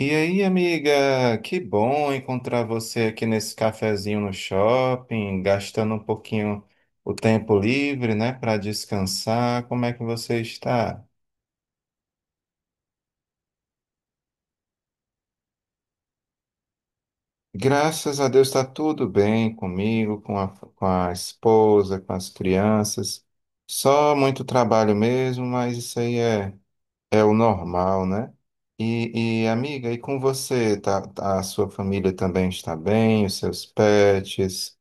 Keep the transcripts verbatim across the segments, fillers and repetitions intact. E aí, amiga, que bom encontrar você aqui nesse cafezinho no shopping, gastando um pouquinho o tempo livre, né, para descansar. Como é que você está? Graças a Deus está tudo bem comigo, com a, com a esposa, com as crianças. Só muito trabalho mesmo, mas isso aí é, é o normal, né? E, e amiga, e com você? Tá, tá- a sua família também está bem? Os seus pets?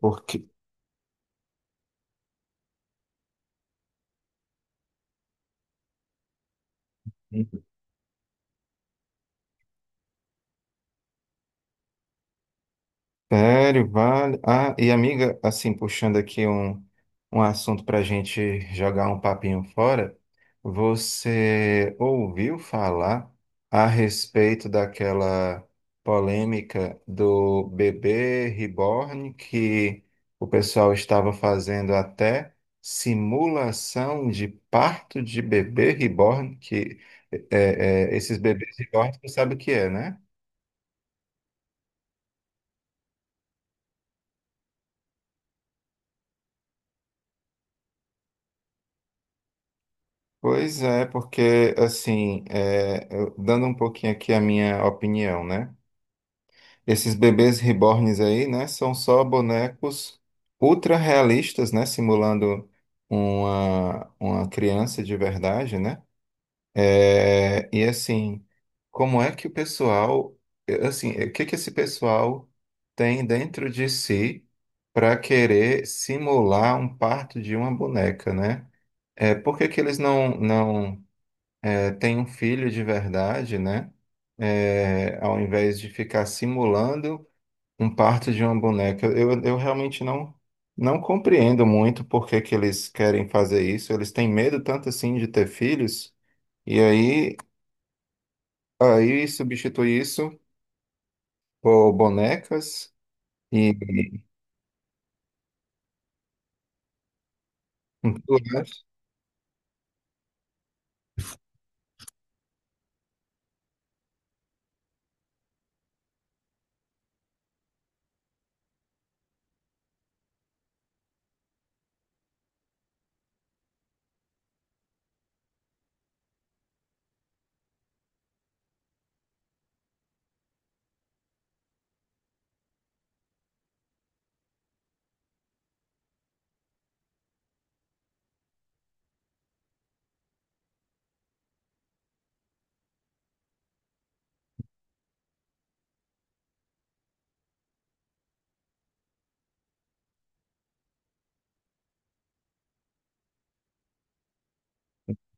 Porque sério, vale. Ah, e amiga, assim, puxando aqui um, um assunto para a gente jogar um papinho fora, você ouviu falar a respeito daquela polêmica do bebê reborn que o pessoal estava fazendo até simulação de parto de bebê reborn, que é, é, esses bebês reborn, tu sabe o que é, né? Pois é, porque assim, é, eu- dando um pouquinho aqui a minha opinião, né? Esses bebês reborns aí, né, são só bonecos ultra realistas, né, simulando uma, uma criança de verdade, né? É, e assim, como é que o pessoal, assim, o que que esse pessoal tem dentro de si para querer simular um parto de uma boneca, né? É, por que que eles não, não tem um filho de verdade, né? É, ao invés de ficar simulando um parto de uma boneca. Eu, eu realmente não, não compreendo muito por que que eles querem fazer isso. Eles têm medo tanto assim de ter filhos, e aí, aí substitui isso por bonecas e e tudo mais.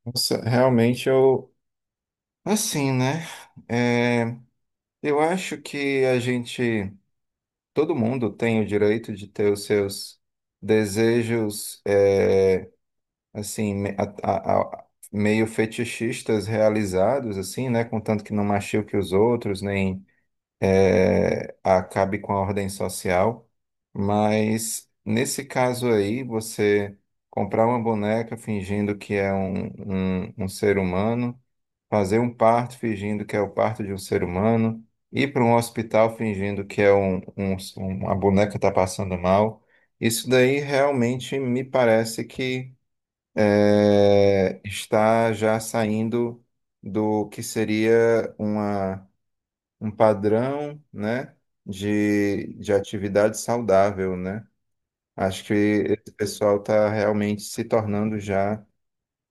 Nossa, realmente eu. Assim, né? É, eu acho que a gente. Todo mundo tem o direito de ter os seus desejos, é, assim, me- a- a- a- meio fetichistas realizados, assim, né? Contanto que não machuque os outros, nem é, acabe com a ordem social. Mas nesse caso aí, você comprar uma boneca fingindo que é um, um um ser humano fazer um parto fingindo que é o parto de um ser humano, ir para um hospital fingindo que é um, um, uma boneca está passando mal. Isso daí realmente me parece que é, está já saindo do que seria uma, um padrão, né, de, de atividade saudável, né? Acho que esse pessoal está realmente se tornando já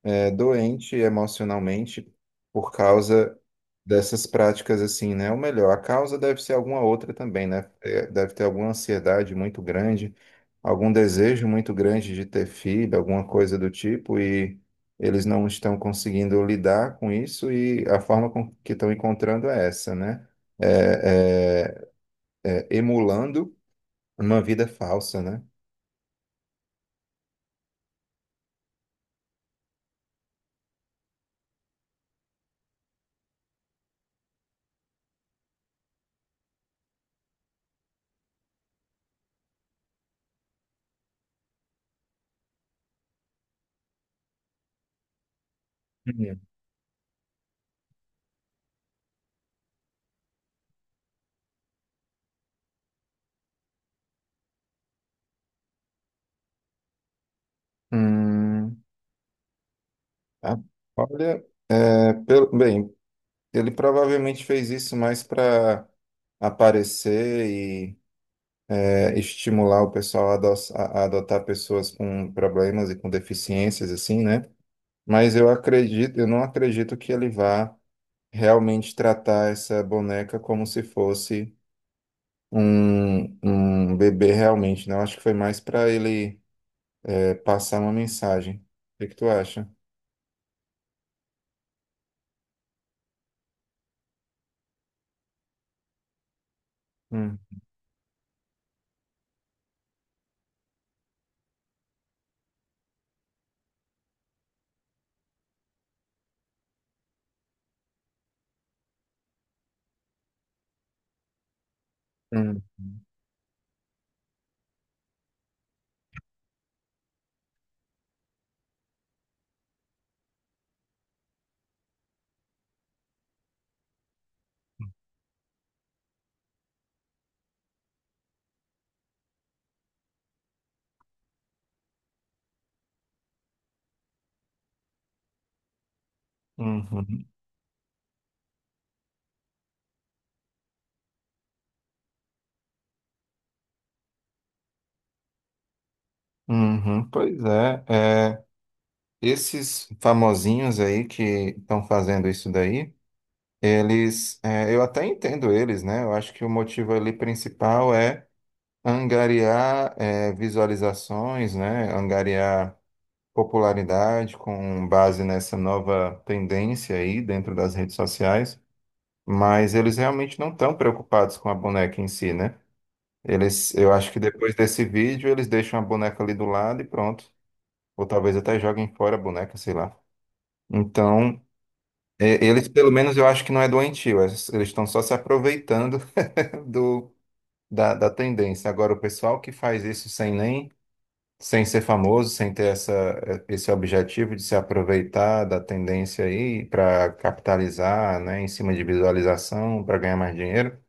é doente emocionalmente por causa dessas práticas assim, né? Ou melhor, a causa deve ser alguma outra também, né? É, deve ter alguma ansiedade muito grande, algum desejo muito grande de ter filho, alguma coisa do tipo, e eles não estão conseguindo lidar com isso e a forma com que estão encontrando é essa, né? É, é, é, emulando uma vida falsa, né? Uhum. Hum, a- olha, é, pelo- bem, ele provavelmente fez isso mais para aparecer e é, estimular o pessoal a, adoç- a- a adotar pessoas com problemas e com deficiências, assim, né? Mas eu acredito, eu não acredito que ele vá realmente tratar essa boneca como se fosse um, um bebê realmente, né? Eu acho que foi mais para ele é, passar uma mensagem. O que que tu acha? Hum, hum, uhum, uhum. Pois é. Esses famosinhos aí que estão fazendo isso daí, eles, é, eu até entendo eles, né? Eu acho que o motivo ali principal é angariar, é, visualizações, né? Angariar popularidade com base nessa nova tendência aí dentro das redes sociais, mas eles realmente não estão preocupados com a boneca em si, né? Eles, eu acho que depois desse vídeo eles deixam a boneca ali do lado e pronto. Ou talvez até joguem fora a boneca, sei lá. Então, E- eles, pelo menos, eu acho que não é doentio, eles eles estão só se aproveitando do, da, da tendência. Agora, o pessoal que faz isso sem nem, sem ser famoso, sem ter essa, esse objetivo de se aproveitar da tendência aí para capitalizar, né, em cima de visualização, para ganhar mais dinheiro,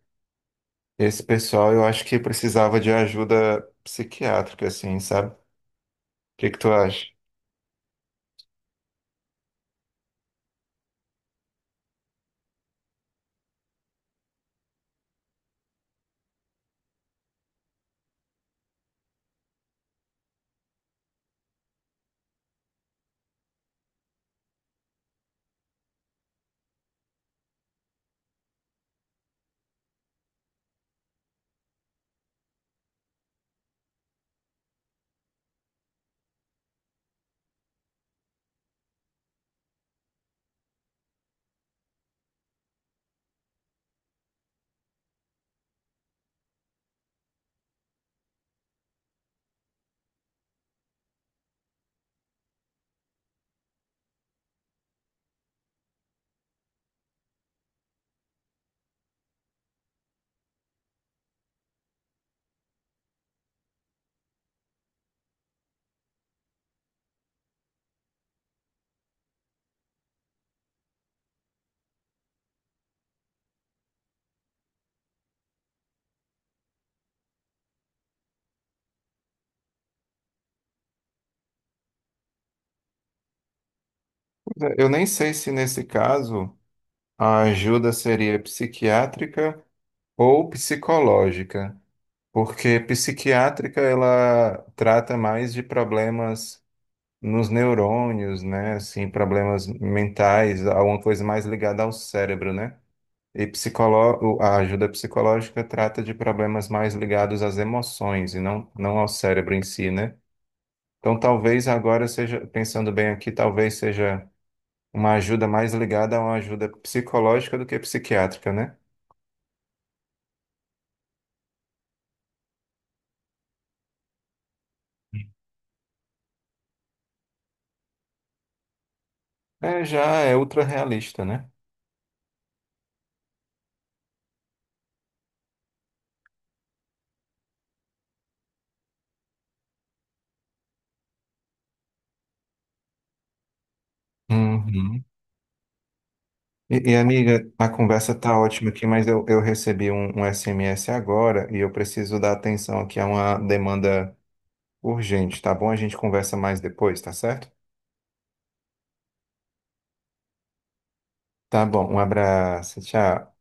esse pessoal eu acho que precisava de ajuda psiquiátrica, assim, sabe? O que que tu acha? Pois é, eu nem sei se nesse caso a ajuda seria psiquiátrica ou psicológica. Porque psiquiátrica ela trata mais de problemas nos neurônios, né? Assim, problemas mentais, alguma coisa mais ligada ao cérebro, né? E psicolo... o- a ajuda psicológica trata de problemas mais ligados às emoções e não, não ao cérebro em si, né? Então, talvez agora seja, pensando bem aqui, talvez seja uma ajuda mais ligada a uma ajuda psicológica do que psiquiátrica, né? É, já é ultra realista, né? Uhum. E, e, amiga, a conversa tá ótima aqui, mas eu, eu recebi um, um S M S agora e eu preciso dar atenção aqui a uma demanda urgente, tá bom? A gente conversa mais depois, tá certo? Tá bom, um abraço, tchau.